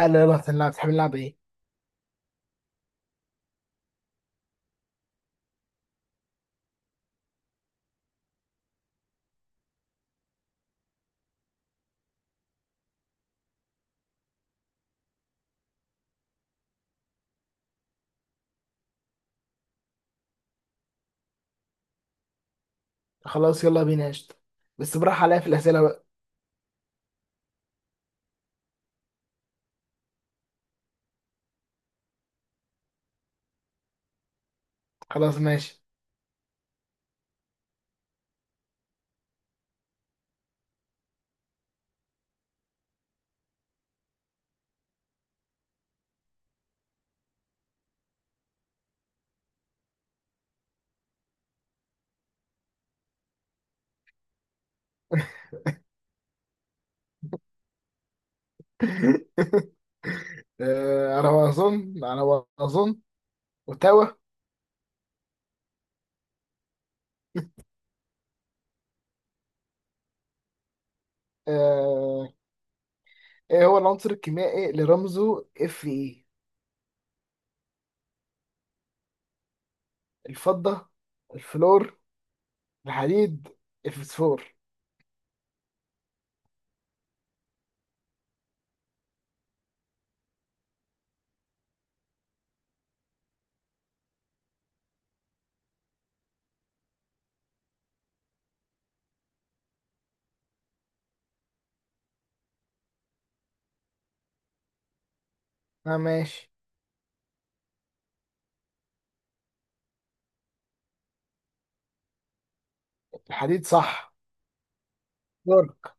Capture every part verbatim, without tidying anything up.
قال لي يلا هنلعب، تحب نلعب ايه؟ خلاص يلا بينا قشطة. بس براح عليا في الأسئلة بقى. خلاص ماشي. آه، على ما أظن على ما أظن وتوا. آه، ايه هو العنصر الكيميائي اللي رمزه اف اي؟ الفضة، الفلور، الحديد، الفسفور. اه ماشي. الحديد صح. دورك.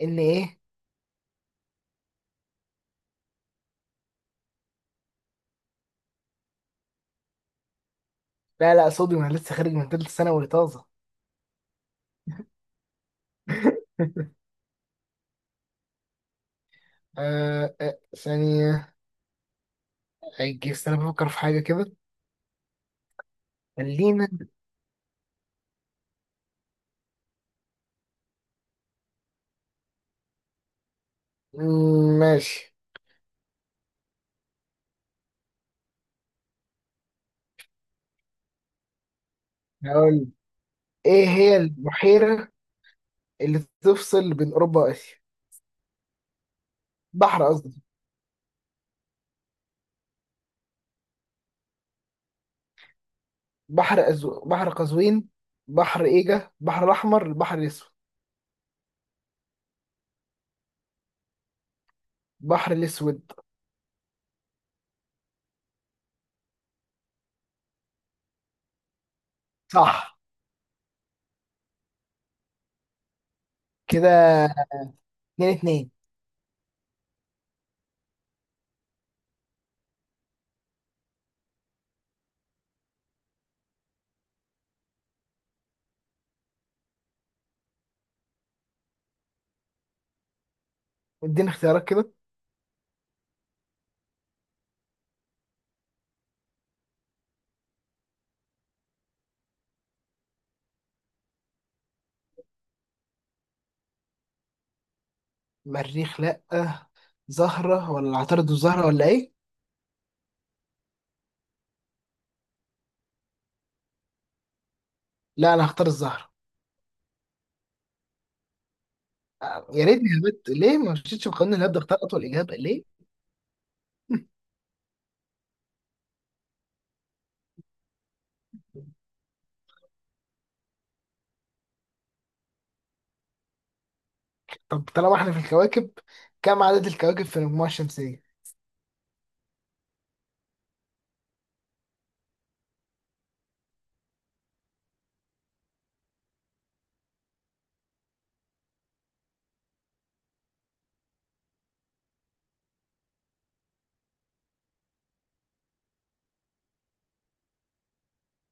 ان ايه. لا لا، صوديوم، انا لسه خارج من تالتة ثانوي طازة. آه آه، ثانية، هيجي استنى بفكر في حاجة كده. خلينا. مم، ماشي. هقول ايه هي البحيرة اللي تفصل بين اوروبا واسيا؟ بحر قصدي، بحر أزو... بحر قزوين، بحر ايجا، بحر الاحمر، البحر الاسود. البحر الاسود صح. كده اتنين اتنين. اديني اختيارات كده. مريخ لا، زهرة ولا عطارد والزهرة ولا ايه؟ لا، انا هختار الزهرة. آه، يا ريتني هبت، ليه ما مشيتش بقانون الهبد، اختار اطول اجابة ليه. طب طالما احنا في الكواكب، كم عدد الكواكب في المجموعة الشمسية؟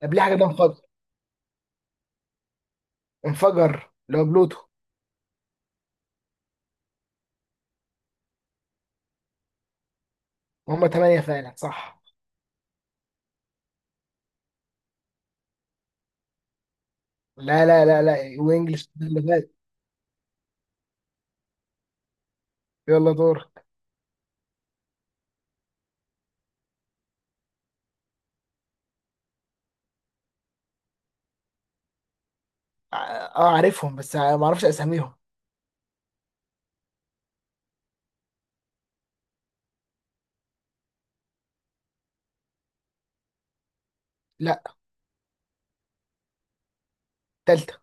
قبل حاجة ده؟ انفجر اللي هو بلوتو. وهم تمانية فعلا صح. لا لا لا لا، وانجلش اللي فات. يلا دور. اه، آه، عارفهم، بس آه، ما اعرفش اساميهم. لا، تالتة.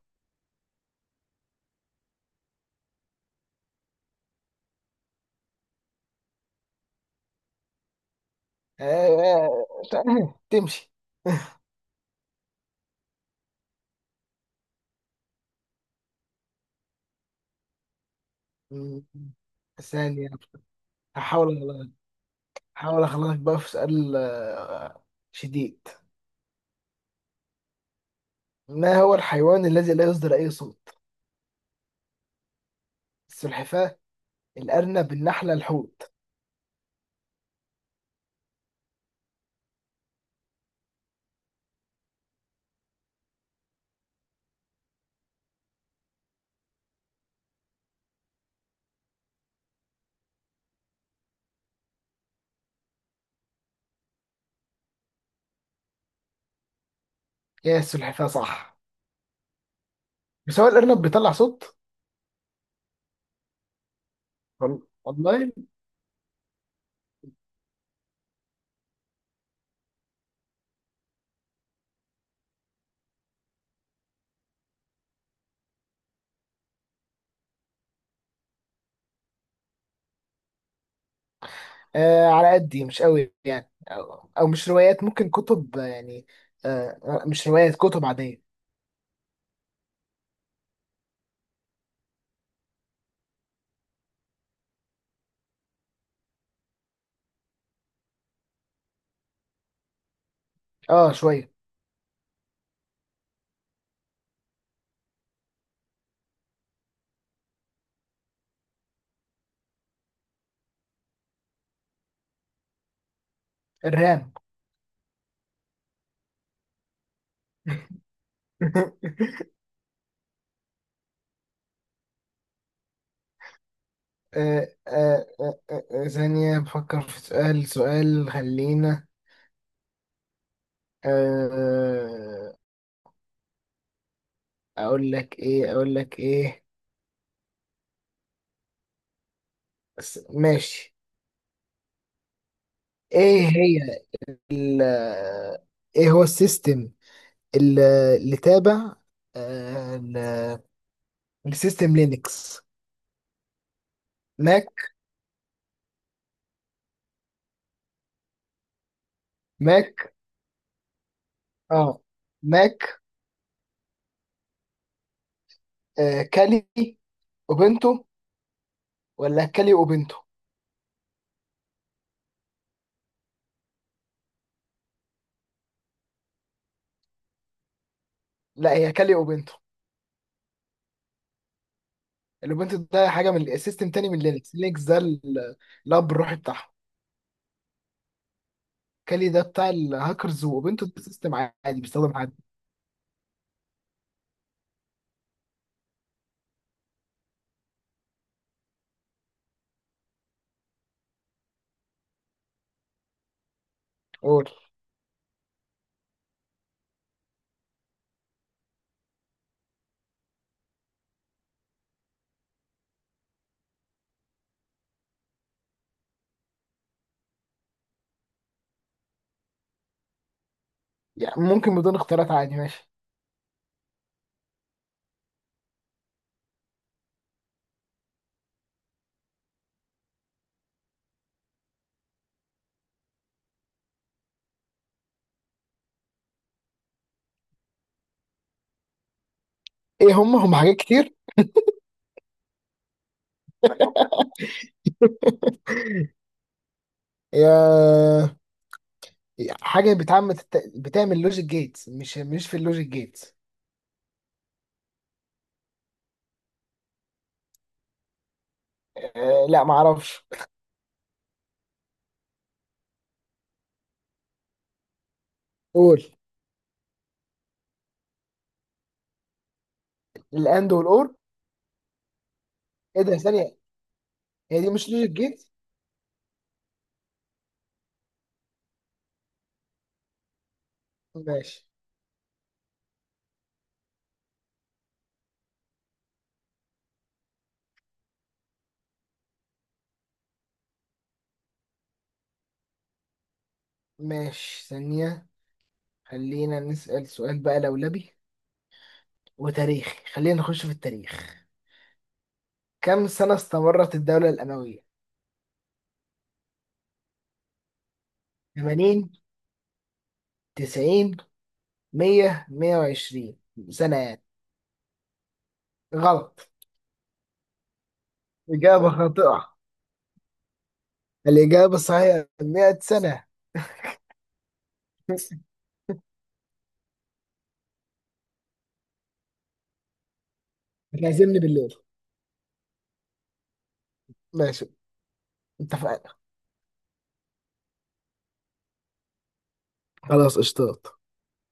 آه، آه، آه، تمشي. م- ثانية. هحاول. هحاول اخلصك بقى في سؤال آه، شديد. ما هو الحيوان الذي لا يصدر اي صوت؟ السلحفاة، الارنب، النحلة، الحوت. يا السلحفاة صح. بس هو الارنب بيطلع صوت. وال- والله. آه، على قدي مش قوي، يعني أو, أو مش روايات، ممكن كتب آه، يعني. آه مش روايات، كتب عادية. اه شوية. الرام. آه آه آه آه، آه، ثانية بفكر في سؤال سؤال، خلينا. آه أقول لك إيه، أقول لك إيه. بس ماشي. إيه هي ال إيه هو السيستم ال- اللي تابع آه ل- لسيستم لينكس. ماك. ماك اه ماك. آه كالي اوبنتو ولا كالي اوبنتو. لا، هي كالي اوبنتو. الاوبنتو ده حاجه من سيستم تاني من لينكس. لينكس ده ال- الاب الروحي بتاعهم. كالي ده بتاع الهاكرز، واوبنتو ده سيستم عادي بيستخدم عادي. قول. يعني ممكن بدون اختيارات عادي، ماشي. ايه هم، هم حاجات كتير. يا، حاجه بتعمل بتعمل لوجيك جيتس، مش مش في اللوجيك جيتس. آه لا، معرفش. قول. الاند والاور. ايه ده ثانيه. هي دي مش لوجيك جيتس. ماشي. ماشي ثانية. خلينا نسأل سؤال بقى لولبي وتاريخي، خلينا نخش في التاريخ. كم سنة استمرت الدولة الأموية؟ ثمانين، تسعين، مية، مئة وعشرين سنة يعني. غلط. إجابة خاطئة. الإجابة الصحيحة مئة سنة. احنا عايزين بالليل. ماشي اتفقنا. خلاص اشتاط.